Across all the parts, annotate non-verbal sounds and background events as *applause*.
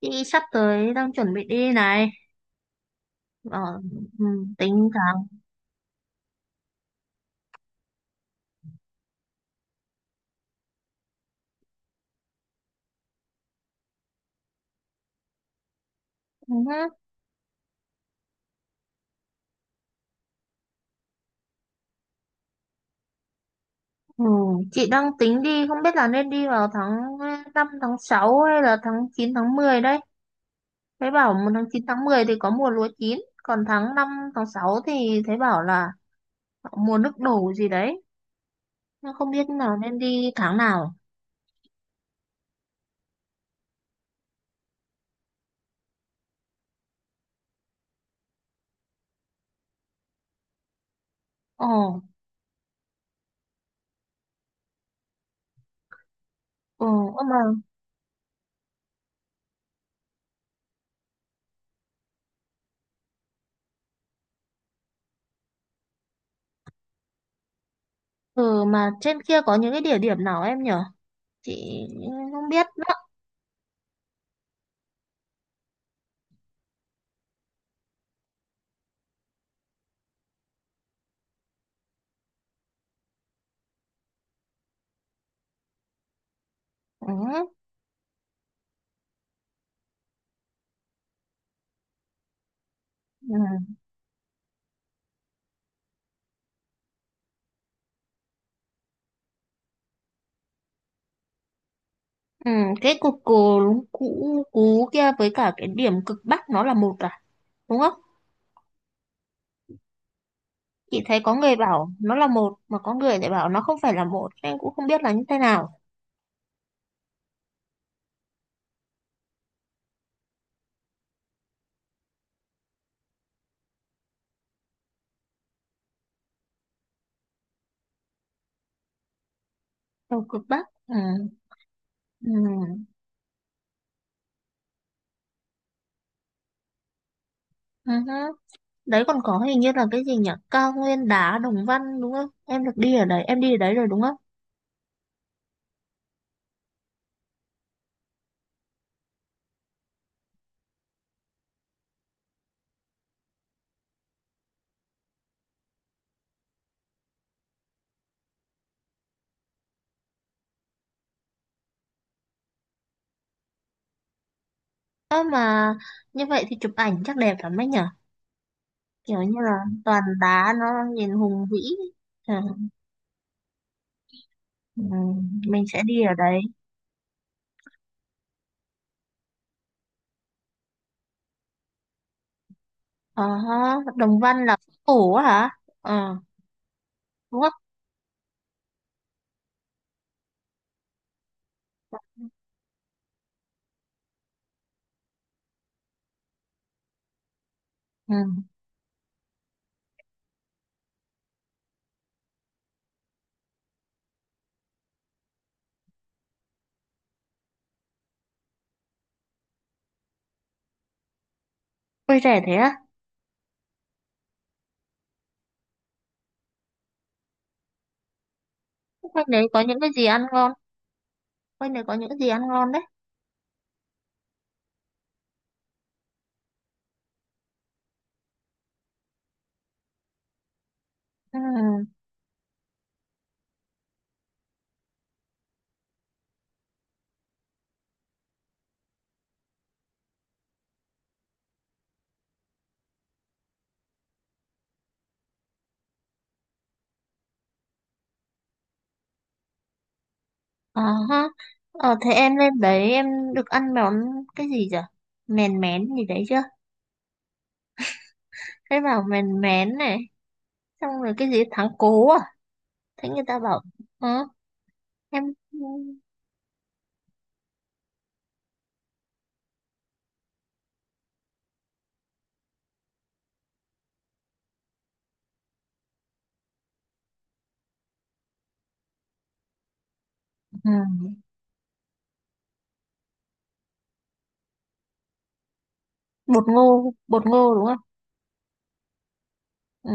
Chị sắp tới đang chuẩn bị đi này. Ờ, ừ, tính tháng. Ừ, ừ, chị đang tính đi, không biết là nên đi vào tháng 5 tháng 6 hay là tháng 9 tháng 10 đấy. Thấy bảo một tháng 9 tháng 10 thì có mùa lúa chín, còn tháng 5 tháng 6 thì thấy bảo là mùa nước đổ gì đấy. Nhưng không biết là nên đi tháng nào. Ồ, ừ, ơ mà, ừ, mà trên kia có những cái địa điểm nào em nhở? Chị không biết đó. Ừ, ừ. Ừ, cái cục cù cũ cú kia với cả cái điểm cực bắc nó là một à, đúng không? Chị thấy có người bảo nó là một mà có người lại bảo nó không phải là một. Em cũng không biết là như thế nào. Đầu cực bắc. Ừ, ừ, ừ, hứ. Đấy còn có hình như là cái gì nhỉ, cao nguyên đá Đồng Văn đúng không? Em được đi ở đấy, em đi ở đấy rồi đúng không? Ơ mà như vậy thì chụp ảnh chắc đẹp lắm đấy nhỉ, kiểu như là toàn đá nó nhìn hùng vĩ. ừ, ừ, mình sẽ đi ở đấy. Ờ, Đồng Văn là phủ á hả? Ờ, đúng không? Ừ. Quê rẻ thế á? Quanh đấy có những cái gì ăn ngon? Quanh đấy có những cái gì ăn ngon đấy? Ừ. Ờ, ha. Ờ, thế em lên đấy em được ăn món cái gì chả? Mèn mén gì đấy chưa? Thế bảo mèn mén này. Xong rồi cái gì thắng cố à? Thế người ta bảo, ừ, em... Ừ. Bột ngô đúng không? Ừ.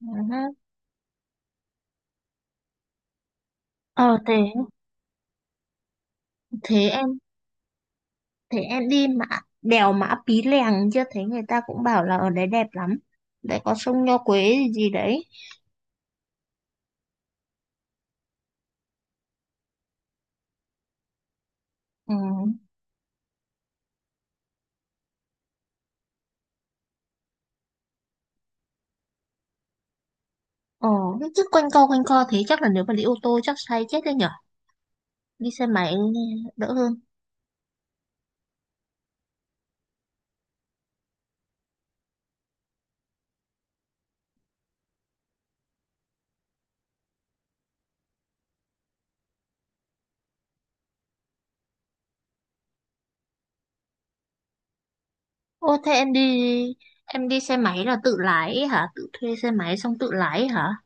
Ừ. Ờ, thế, thế em thế em đi mà đèo Mã Pí Lèng chưa? Thấy người ta cũng bảo là ở đấy đẹp lắm, đấy có sông Nho Quế gì, gì đấy. Ừ. Ờ, chứ quanh co thế chắc là nếu mà đi ô tô chắc say chết đấy nhở. Đi xe máy đỡ hơn. Ô thế em đi Em đi xe máy là tự lái ấy hả, tự thuê xe máy xong tự lái ấy hả?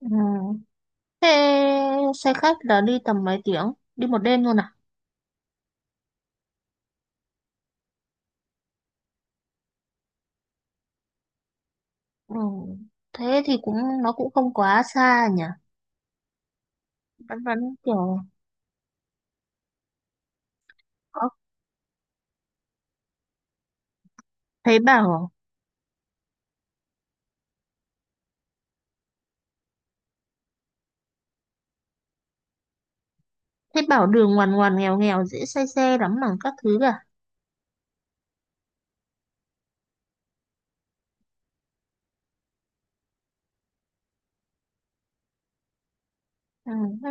Ừ. Thế xe khách là đi tầm mấy tiếng, đi một đêm luôn à? Ừ. Thế thì cũng nó cũng không quá xa nhỉ. Vẫn vẫn kiểu có- thấy bảo thế bảo đường ngoằn ngoằn nghèo nghèo dễ say xe lắm mà các thứ cả. Ừ. Hứ.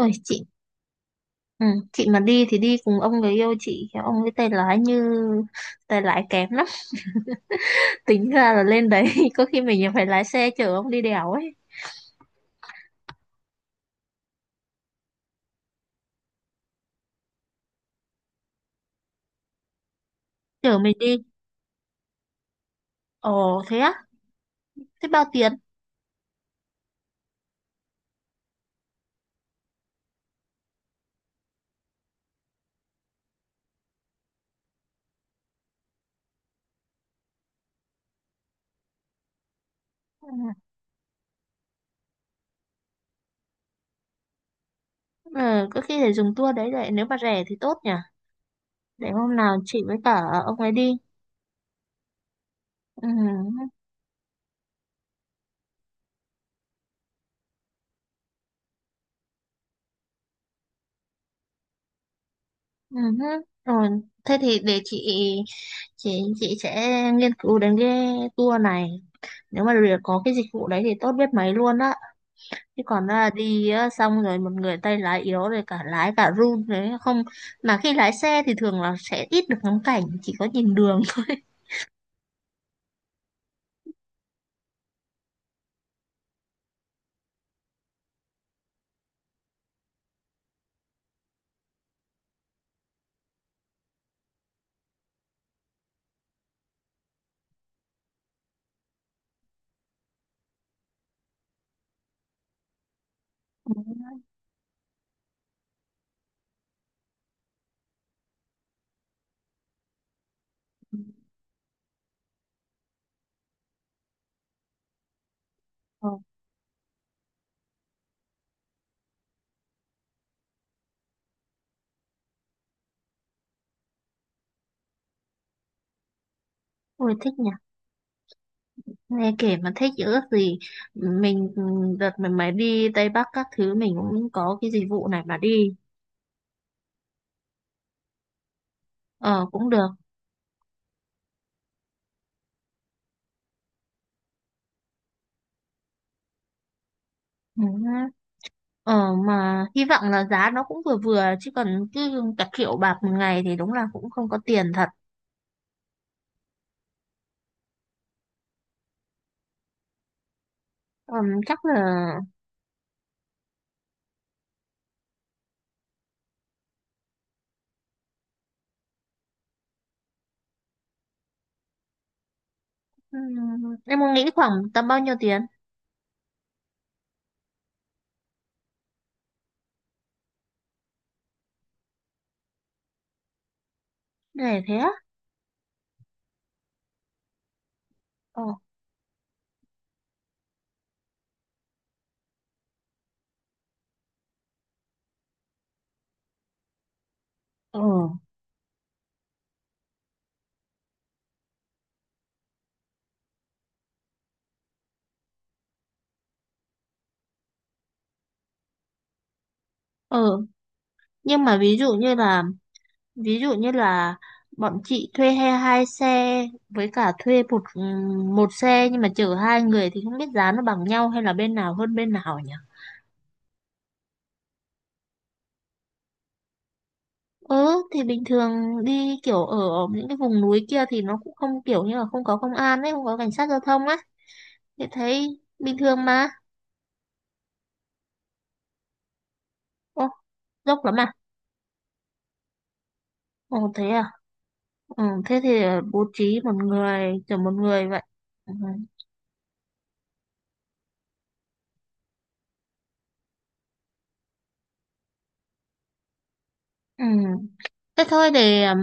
Ôi chị, ừ. Chị mà đi thì đi cùng ông người yêu chị, kiểu ông ấy tay lái như tay lái kém lắm. *laughs* Tính ra là lên đấy *laughs* có khi mình phải lái xe chở ông đi đèo ấy. Chở mình đi. Ồ thế á? Thế bao tiền? Ừ. Ờ, có khi để dùng tour đấy vậy, nếu mà rẻ thì tốt nhỉ. Để hôm nào chị với cả ông ấy đi. Ừ. Ừ. Ừ. Rồi, thế thì để chị sẽ nghiên cứu đến cái tour này, nếu mà được có cái dịch vụ đấy thì tốt biết mấy luôn á. Chứ còn là đi á, xong rồi một người tay lái yếu rồi cả lái cả run đấy không, mà khi lái xe thì thường là sẽ ít được ngắm cảnh, chỉ có nhìn đường *laughs* thôi. Ờ, ôi thích nhỉ. Nghe kể mà thích chứ ước gì mình đợt mình mới đi Tây Bắc các thứ mình cũng có cái dịch vụ này mà đi. Ờ cũng được. Ừ. Ờ, mà hy vọng là giá nó cũng vừa vừa, chứ còn cứ cả triệu bạc một ngày thì đúng là cũng không có tiền thật. Chắc là. Ừ, em muốn nghĩ khoảng tầm bao nhiêu tiền? Để thế á. Ờ. Ờ, ờ nhưng mà ví dụ như là ví dụ như là bọn chị thuê hai hai xe với cả thuê một một xe nhưng mà chở hai người thì không biết giá nó bằng nhau hay là bên nào hơn bên nào nhỉ? Ừ, thì bình thường đi kiểu ở những cái vùng núi kia thì nó cũng không kiểu như là không có công an ấy, không có cảnh sát giao thông á thì thấy bình thường mà. Ô, dốc lắm à? Ồ thế à. Ừ, thế thì bố trí một người kiểu một người vậy. Ừ. Ừ. Thế thôi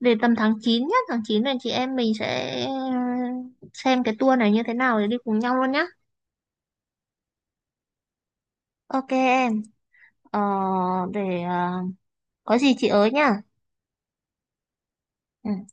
để tầm tháng 9 nhá, tháng 9 này chị em mình sẽ xem cái tour này như thế nào để đi cùng nhau luôn nhá. OK em. Ờ, để có gì chị ới nhá. Ừ.